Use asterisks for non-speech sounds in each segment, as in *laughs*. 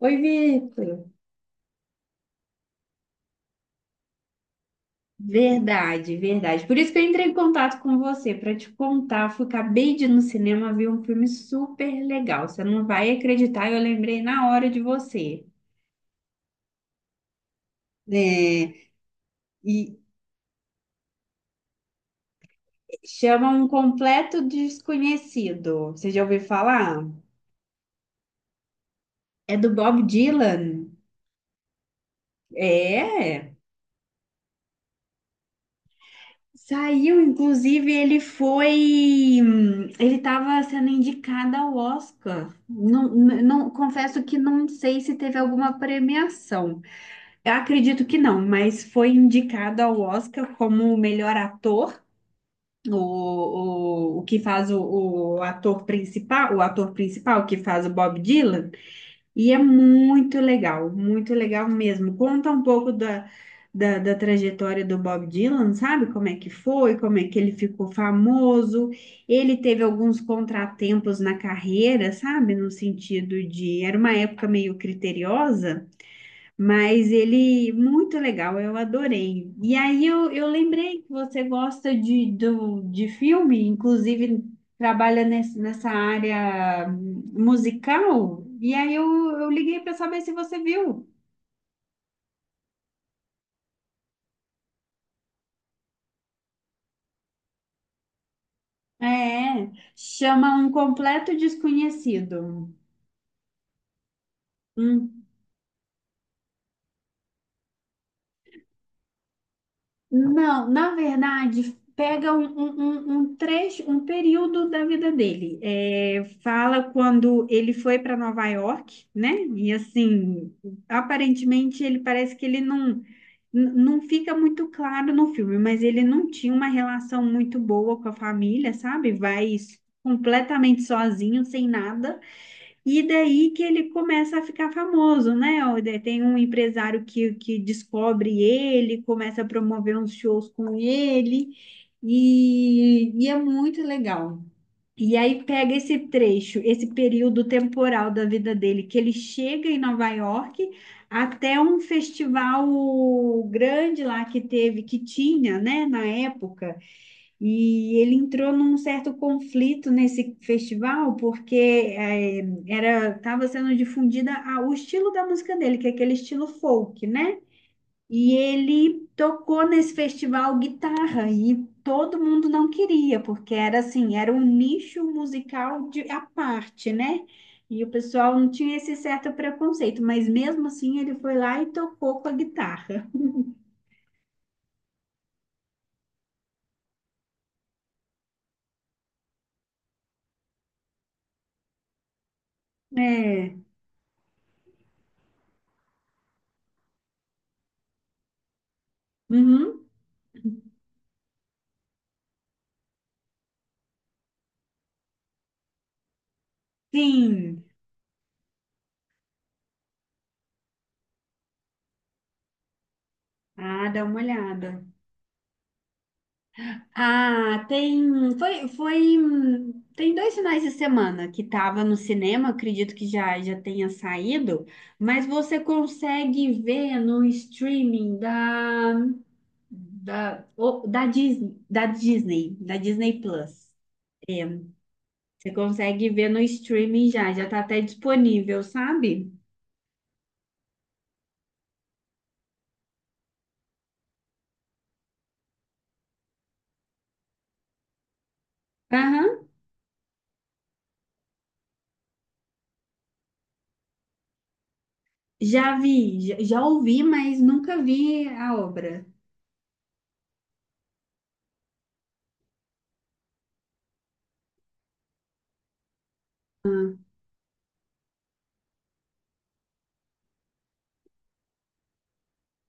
Oi, Vitor. Verdade, verdade. Por isso que eu entrei em contato com você, para te contar. Acabei de ir no cinema ver um filme super legal. Você não vai acreditar, eu lembrei na hora de você. É, e Chama Um Completo Desconhecido. Você já ouviu falar? É do Bob Dylan. É. Saiu, inclusive, ele foi. Ele estava sendo indicado ao Oscar. Confesso que não sei se teve alguma premiação. Eu acredito que não, mas foi indicado ao Oscar como o melhor ator, o que faz o ator principal, o ator principal que faz o Bob Dylan. E é muito legal mesmo. Conta um pouco da trajetória do Bob Dylan, sabe? Como é que foi, como é que ele ficou famoso. Ele teve alguns contratempos na carreira, sabe? No sentido de, era uma época meio criteriosa. Mas ele, muito legal, eu adorei. E aí eu lembrei que você gosta de, do, de filme, inclusive trabalha nessa área musical. E aí eu liguei para saber se você viu. É, chama Um Completo Desconhecido. Um Não, na verdade, pega um trecho, um período da vida dele. É, fala quando ele foi para Nova York, né? E assim, aparentemente ele parece que ele não, n- não fica muito claro no filme, mas ele não tinha uma relação muito boa com a família, sabe? Vai completamente sozinho, sem nada. E daí que ele começa a ficar famoso, né? Ó, daí tem um empresário que descobre ele, começa a promover uns shows com ele, e é muito legal. E aí pega esse trecho, esse período temporal da vida dele, que ele chega em Nova York até um festival grande lá que teve, que tinha, né, na época. E ele entrou num certo conflito nesse festival, porque era estava sendo difundida o estilo da música dele, que é aquele estilo folk, né? E ele tocou nesse festival guitarra e todo mundo não queria, porque era assim, era um nicho musical de à parte, né? E o pessoal não tinha esse certo preconceito, mas mesmo assim ele foi lá e tocou com a guitarra. É. Uhum. Sim. Ah, dá uma olhada. Ah, tem. Foi, foi. Tem dois finais de semana que tava no cinema, acredito que já tenha saído, mas você consegue ver no streaming da, da, o- da Disney, da Disney, da Disney Plus. Você consegue ver no streaming já tá até disponível, sabe? Aham, já ouvi, mas nunca vi a obra.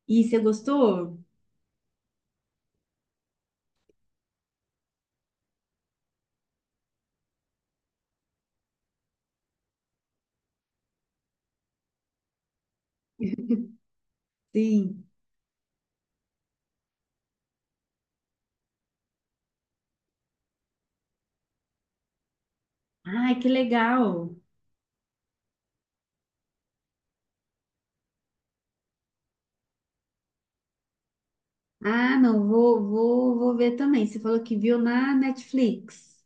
E você gostou? Sim. Ai, que legal. Ah, não, vou ver também. Você falou que viu na Netflix.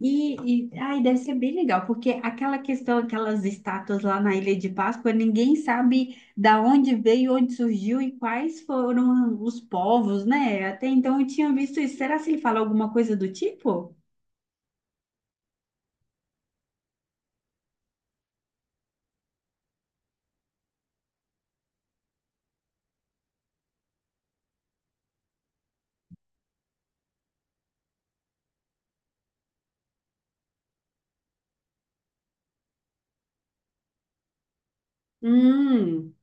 E ai, deve ser bem legal, porque aquela questão, aquelas estátuas lá na Ilha de Páscoa, ninguém sabe da onde veio, onde surgiu e quais foram os povos, né? Até então eu tinha visto isso. Será se ele fala alguma coisa do tipo? Hum,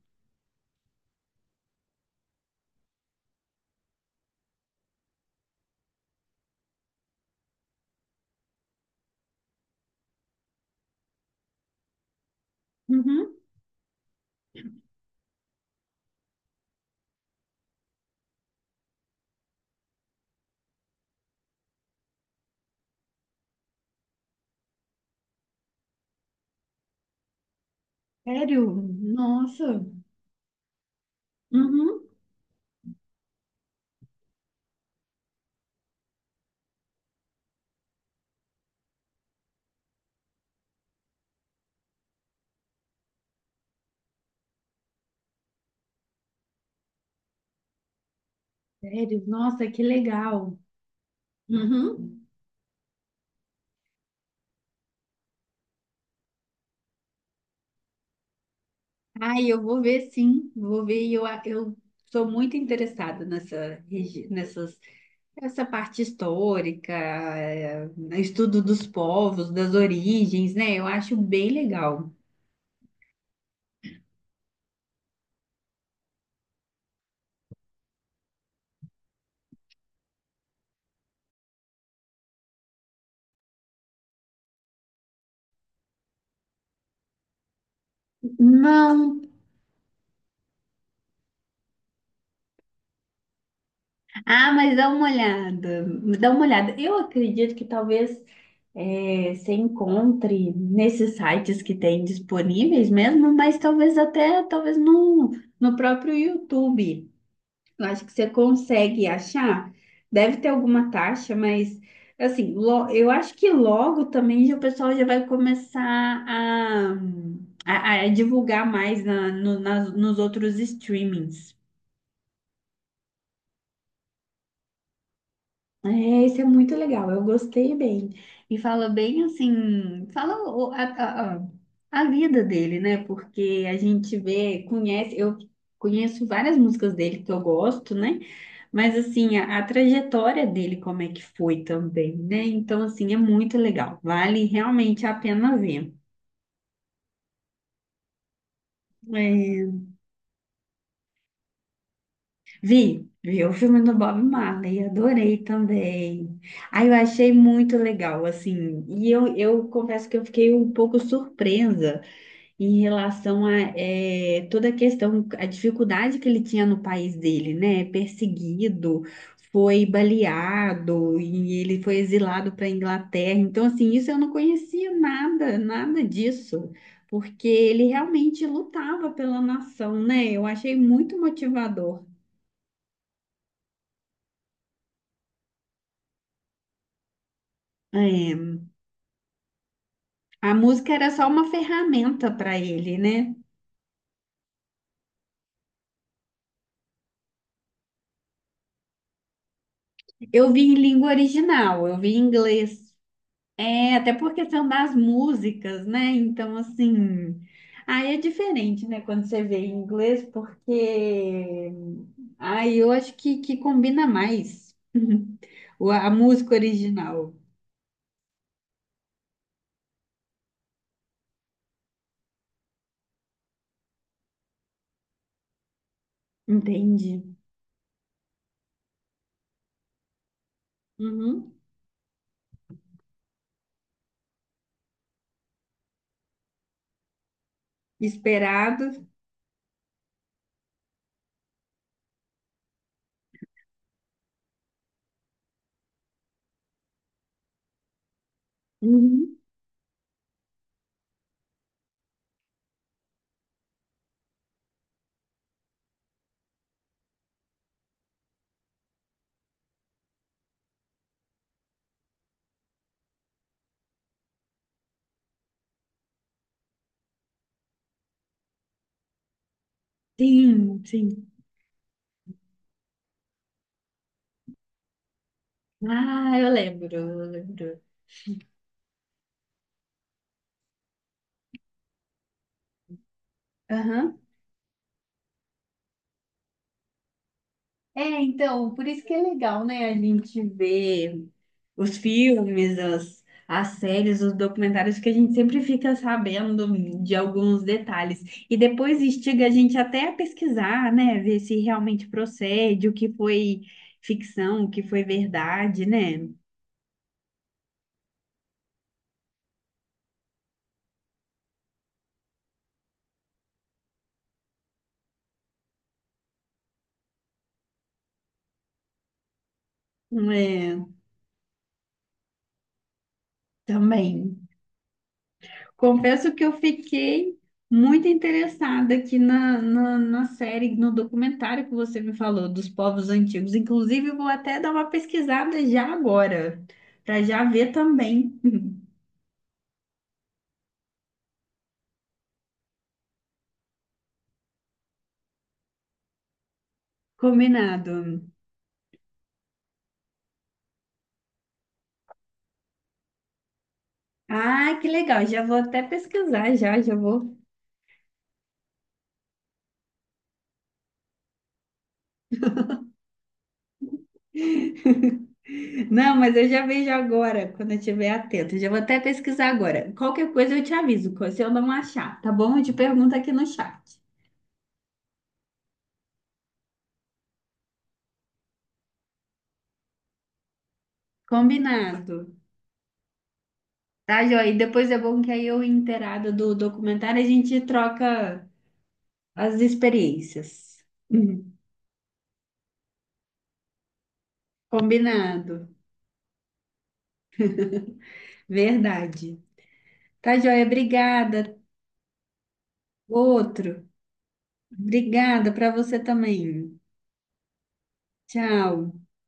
uhum, sério? Nossa, uhum, sério, nossa, que legal. Uhum. Ai, eu vou ver sim, vou ver. Eu, eu sou muito interessada nessas, essa parte histórica, estudo dos povos, das origens, né? Eu acho bem legal. Não. Ah, mas dá uma olhada. Eu acredito que talvez você encontre nesses sites que tem disponíveis mesmo, mas talvez até, talvez no próprio YouTube. Eu acho que você consegue achar. Deve ter alguma taxa, mas assim, eu acho que logo também já o pessoal já vai começar a, a divulgar mais na, no- nas- nos outros streamings. É, isso é muito legal, eu gostei bem. E fala bem assim, fala a vida dele, né? Porque a gente vê, conhece, eu conheço várias músicas dele que eu gosto, né? Mas assim, a trajetória dele, como é que foi também, né? Então, assim, é muito legal. Vale realmente a pena ver. É, vi o filme do Bob Marley, adorei também. Aí eu achei muito legal, assim, e eu confesso que eu fiquei um pouco surpresa em relação a toda a questão, a dificuldade que ele tinha no país dele, né? Perseguido, foi baleado e ele foi exilado para a Inglaterra. Então, assim, isso eu não conhecia nada disso, porque ele realmente lutava pela nação, né? Eu achei muito motivador. É, a música era só uma ferramenta para ele, né? Eu vi em língua original, eu vi em inglês. É, até por questão das músicas, né? Então, assim, aí é diferente, né, quando você vê em inglês, porque aí eu acho que combina mais a música original. Entende? Uhum. Esperado. Uhum. Sim. Ah, eu lembro. Aham. É, então, por isso que é legal, né, a gente ver os filmes, as séries, os documentários, que a gente sempre fica sabendo de alguns detalhes. E depois instiga a gente até a pesquisar, né? Ver se realmente procede, o que foi ficção, o que foi verdade, né? É, também. Confesso que eu fiquei muito interessada aqui na série, no documentário que você me falou dos povos antigos. Inclusive, eu vou até dar uma pesquisada já agora, para já ver também. Combinado. Ah, que legal. Já vou. Não, mas eu já vejo agora, quando eu estiver atento. Já vou até pesquisar agora. Qualquer coisa eu te aviso, se eu não achar, tá bom? Eu te pergunto aqui no chat. Combinado. Tá, joia? E depois é bom que aí eu inteirada do documentário, a gente troca as experiências. *laughs* Uhum. Combinado. Verdade. Tá, joia? Obrigada. Outro. Obrigada para você também. Tchau.